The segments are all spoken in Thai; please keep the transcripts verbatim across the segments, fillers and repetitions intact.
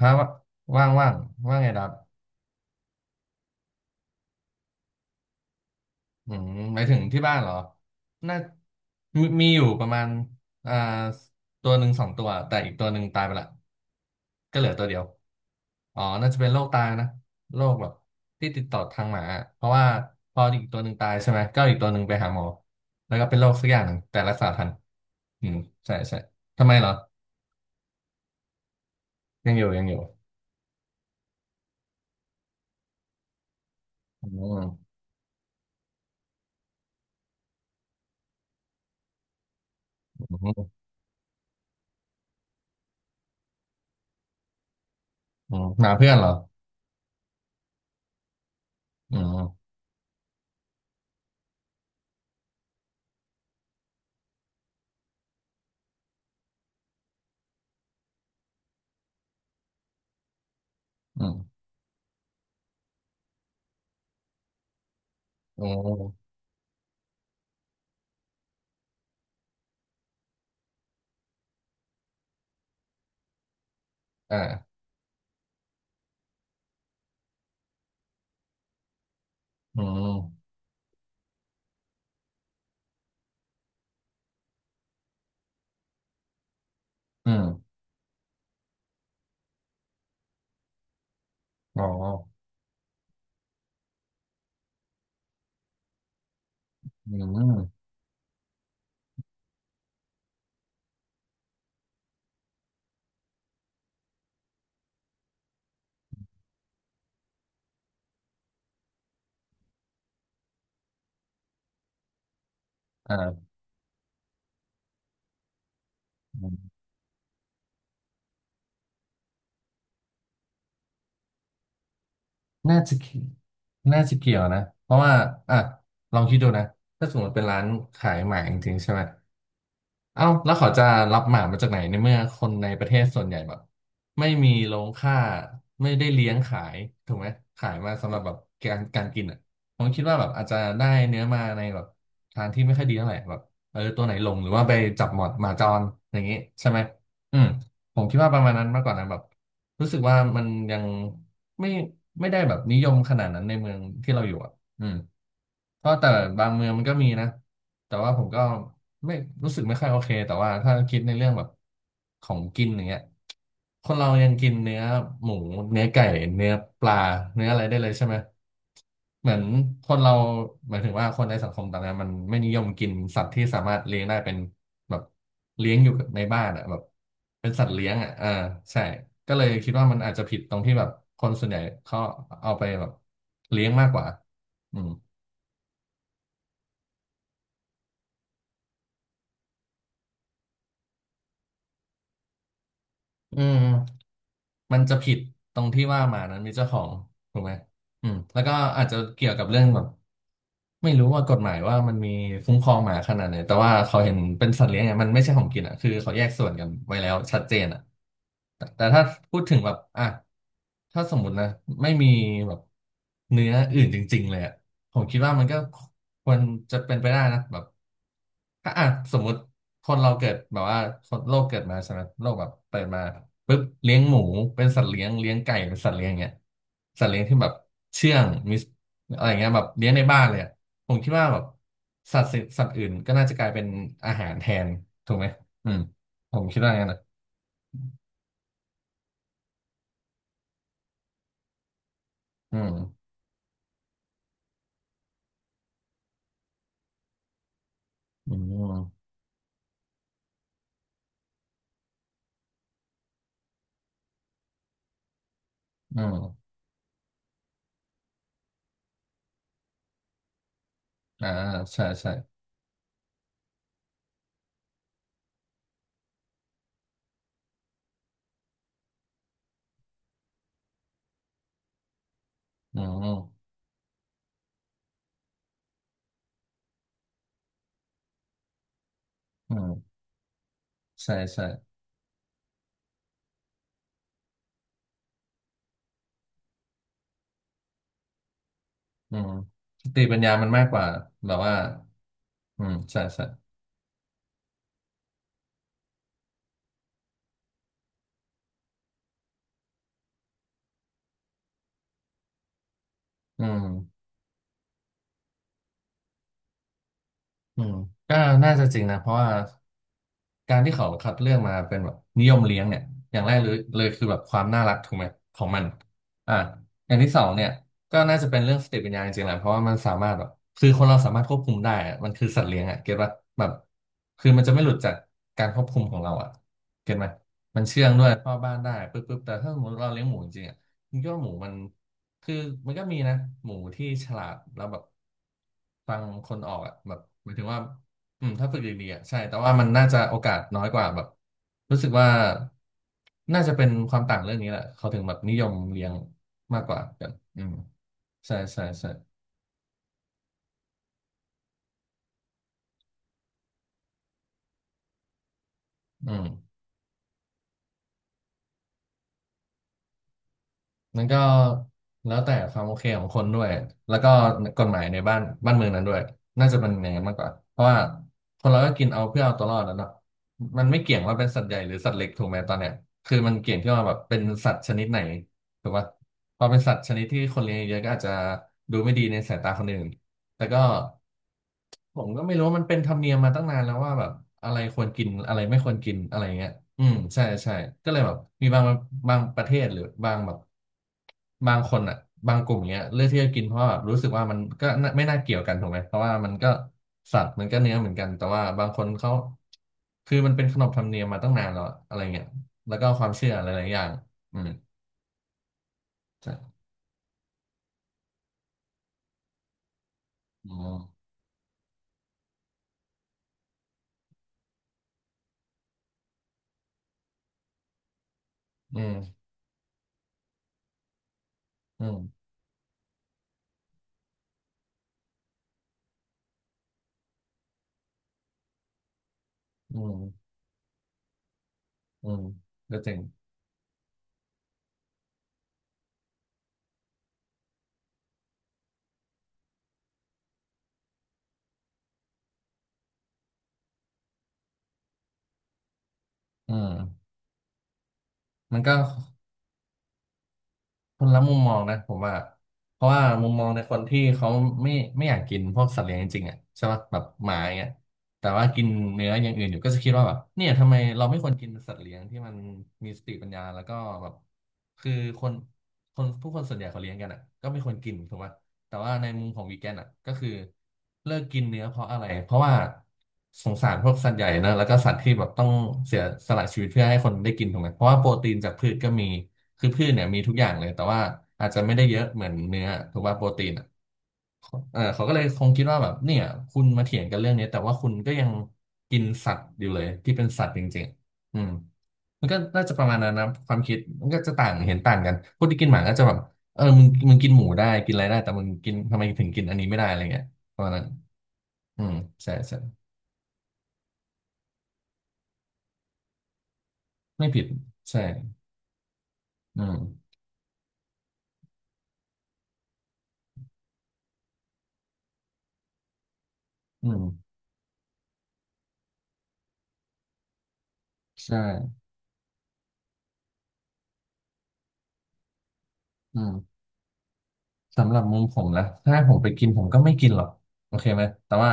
ฮะว่างว่างว่างไงดับอืมหมายถึงที่บ้านเหรอน่ามีมีอยู่ประมาณอ่าตัวหนึ่งสองตัวแต่อีกตัวหนึ่งตายไปละก็เหลือตัวเดียวอ๋อน่าจะเป็นโรคตายนะโรคแบบที่ติดต่อทางหมาอะเพราะว่าพออีกตัวหนึ่งตายใช่ไหมก็อีกตัวหนึ่งไปหาหมอแล้วก็เป็นโรคสักอย่างหนึ่งแต่รักษาทันอืมใช่ใช่ทำไมเหรอยังอยู่ยังอยู่อืมอืมอืมหมาเพื่อนเหรออืมอืมอืมอ่าอืม อืมอ๋ออืมอ่าอืมน่าจะเกี่ยวน่าจะเกี่ยวนะเพราะว่าอ่ะลองคิดดูนะถ้าสมมติเป็นร้านขายหมาจริงๆใช่ไหม เอ้าแล้วเขาจะรับหมามาจากไหนในเมื่อคนในประเทศส่วนใหญ่แบบไม่มีโรงฆ่าไม่ได้เลี้ยงขายถูกไหมขายมาสำหรับแบบการการกินอ่ะผมคิดว่าแบบอาจจะได้เนื้อมาในแบบทางที่ไม่ค่อยดีเท่าไหร่แบบเออตัวไหนหลงหรือว่าไปจับหมอดหมาจรอย่างนี้ใช่ไหมอืมผมคิดว่าประมาณนั้นมากกว่านะแบบรู้สึกว่ามันยังไม่ไม่ได้แบบนิยมขนาดนั้นในเมืองที่เราอยู่อ่ะอืมก็แต่บางเมืองมันก็มีนะ แต่ว่าผมก็ไม่รู้สึกไม่ค่อยโอเคแต่ว่าถ้าคิดในเรื่องแบบของกินอย่างเงี้ยคนเรายังกินเนื้อหมูเนื้อไก่เนื้อปลาเนื้ออะไรได้เลยใช่ไหมเหมือนคนเราหมายถึงว่าคนในสังคมตอนนี้มันไม่นิยมกินสัตว์ที่สามารถเลี้ยงได้เป็นแบบเลี้ยงอยู่ในบ้านอ่ะแบบเป็นสัตว์เลี้ยงอ่ะอ่าใช่ก็เลยคิดว่ามันอาจจะผิดตรงที่แบบคนส่วนใหญ่เขาเอาไปแบบเลี้ยงมากกว่าอืมอืม มันจะผิดตรงที่ว่าหมานั้นมีเจ้าของถูกไหมอืมแล้วก็อาจจะเกี่ยวกับเรื่องแบบ ไม่รู้ว่ากฎหมายว่ามันมีคุ้มครองหมาขนาดไหนแต่ว่าเขาเห็นเป็นสัตว์เลี้ยงเนี่ยมันไม่ใช่ของกินอ่ะคือเขาแยกส่วนกันไว้แล้วชัดเจนอ่ะแต่แต่ถ้าพูดถึงแบบอ่ะถ้าสมมตินะไม่มีแบบเนื้ออื่นจริงๆเลยอ่ะผมคิดว่ามันก็ควรจะเป็นไปได้นะแบบถ้าอ่ะสมมติคนเราเกิดแบบว่าคนโลกเกิดมาใช่ไหมโลกแบบเปิดมาปุ๊บเลี้ยงหมูเป็นสัตว์เลี้ยงเลี้ยงไก่เป็นสัตว์เลี้ยงเงี้ยสัตว์เลี้ยงที่แบบเชื่องมีอะไรเงี้ยแบบเลี้ยงในบ้านเลยอะ ผมคิดว่าแบบสัตว์สิสัตว์อื่นก็น่าจะกลายเป็นอาหารแทนถูกไหมอืมผมคิดว่างั้นนะอืมอืมอืมอ่าใช่ใช่อืมอืมใช่ใช่อืมสติปัญญามันมากกว่าแบบว่าอืมใช่ใช่อืม อืมก็น่าจะจริงนะเพราะว่าการที่เขาคัดเลือกมาเป็นแบบนิยมเลี้ยงเนี่ยอย่างแรกเลยเลยคือแบบความน่ารักถูกไหมของมันอ่าอย่างที่สองเนี่ยก็น่าจะเป็นเรื่องสติปัญญาจริงๆแหละเพราะว่ามันสามารถแบบคือคนเราสามารถควบคุมได้อะมันคือสัตว์เลี้ยงอ่ะเก็ตป่ะแบบคือมันจะไม่หลุดจากการควบคุมของเราอ่ะเก็ตไหม เข้าบ้านได้ปึ๊บปึ๊บแต่ถ้าสมมติเราเลี้ยงหมูจริงๆอ่ะมันก็หมูมันคือมันก็มีนะหมูที่ฉลาดแล้วแบบฟังคนออกอ่ะแบบหมายถึงว่าอืมถ้าฝึกดีๆอ่ะใช่แต่ว่ามันน่าจะโอกาสน้อยกว่าแบบรู้สึกว่าน่าจะเป็นความต่างเรื่องนี้แหละเขาถึงแบบนิยมเลี้ยงมากกว่ากันอืมใช่ใช่ใช่อืม มันก็แล้วแต่ความโอเคของคนด้วยแล้วก็กฎหมายในบ้านบ้านเมืองนั้นด้วยน่าจะเป็นอย่างนั้นมากกว่าเพราะว่าคนเราก็กินเอาเพื่อเอาตัวรอดแล้วเนาะมันไม่เกี่ยงว่าเป็นสัตว์ใหญ่หรือสัตว์เล็กถูกไหมตอนเนี้ยคือมันเกี่ยงที่ว่าแบบเป็นสัตว์ชนิดไหนถูกปะพอเป็นสัตว์ชนิดที่คนเลี้ยงเยอะก็อาจจะดูไม่ดีในสายตาคนอื่นแต่ก็ ผมก็ไม่รู้ว่ามันเป็นธรรมเนียมมาตั้งนานแล้วว่าแบบอะไรควรกินอะไรไม่ควรกินอะไรเงี้ยอืมใช่ใช่ก็เลยแบบมีบางบางประเทศหรือบางแบบบางคนอ่ะบางกลุ่มเงี้ยเลือกที่จะกินเพราะว่าแบบรู้สึกว่ามันก็น่าไม่น่าเกี่ยวกันถูกไหมเพราะว่ามันก็สัตว์มันก็เนื้อเหมือนกันแต่ว่าบางคนเขาคือมันเป็นขนบธรรมเนียมมาตั้งนานแล้วอะอะไรเงี้ยแล้วก็ความเชื่อหลายๆอย่างอืมใช่อ๋ออืมอืมอืมอืมก็จริงอืมมันก็ คนละมุมมองนะผมว่าเพราะว่ามุมมองในคนที่เขาไม่ไม่อยากกินพวกสัตว์เลี้ยงจริงๆอ่ะใช่ป่ะแบบหมาอย่างเงี้ยแต่ว่ากินเนื้ออย่างอื่นอยู่ก็จะคิดว่าแบบเนี่ยทำไมเราไม่ควรกินสัตว์เลี้ยงที่มันมีสติปัญญาแล้วก็แบบคือคนคนผู้คนส่วนใหญ่เขาเลี้ยงกันอ่ะก็ไม่ควรกินถูกป่ะแต่ว่าในมุมของวีแกนอ่ะก็คือ เพราะว่าสงสารพวกสัตว์ใหญ่นะแล้วก็สัตว์ที่แบบต้องเสียสละชีวิตเพื่อให้คนได้กินถูกไหมเพราะว่าโปรตีนจากพืชก็มีคือพืชเนี่ยมีทุกอย่างเลยแต่ว่าอาจจะไม่ได้เยอะเหมือนเนื้อถูกป่ะโปรตีนอ่ะเออเขาก็เลยคงคิดว่าแบบเนี่ยคุณมาเถียงกันเรื่องนี้แต่ว่าคุณก็ยังกินสัตว์อยู่เลยที่เป็นสัตว์จริงๆอืมมันก็น่าจะประมาณนั้นนะความคิดมันก็จะต่างเห็นต่างกันคนที่กินหมาก็จะแบบเออมึงมึงกินหมูได้กินอะไรได้แต่มึงกินทำไมถึงกินอันนี้ไม่ได้อะไรเงี้ยประมาณนั้นอืมใช่ใช่ ไม่ผิดใช่อืมอืมใช่อืม สำหรับมุมผมนะถ้าผมไปกินผมก็ไม่กินหรอกโอเคไหมแต่ว่า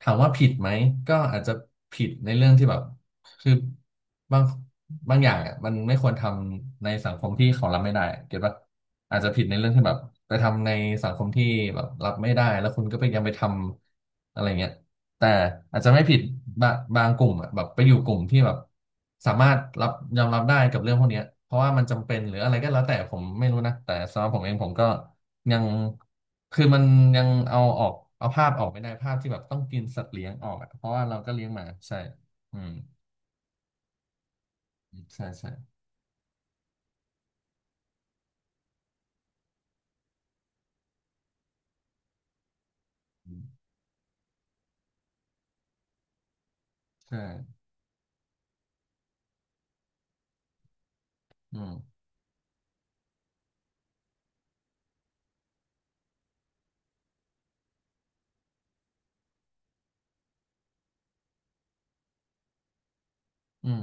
ถามว่าผิดไหมก็อาจจะผิดในเรื่องที่แบบคือบางบางอย่างอ่ะมันไม่ควรทำในสังคมที่เขารับไม่ได้เก็ตปะอาจจะผิดในเรื่องที่แบบไปทำในสังคมที่แบบรับไม่ได้แล้วคุณก็ไปยังไปทำอะไรเงี้ยแต่อาจจะไม่ผิดบางบางกลุ่มอ่ะแบบไปอยู่กลุ่มที่แบบสามารถรับยอมรับได้กับเรื่องพวกเนี้ยเพราะว่ามันจำเป็นหรืออะไรก็แล้วแต่ผมไม่รู้นะแต่สำหรับผมเองผมก็ ยังคือมันยังเอาออกเอาภาพออกไม่ได้ภาพที่แบบต้องกินสัตว์เลี้ยงออกอะเพราะว่าเราก็เลี้ยงหมาใช่อืมใช่ใช่อืมใช่อืมอืม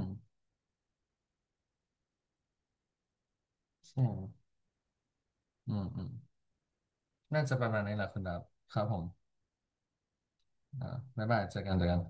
ใช่อืมอืมน่าจะประมาณนี้แหละคุณดับครับผมอ่าบ๊ายบายเจอกันเจอกัน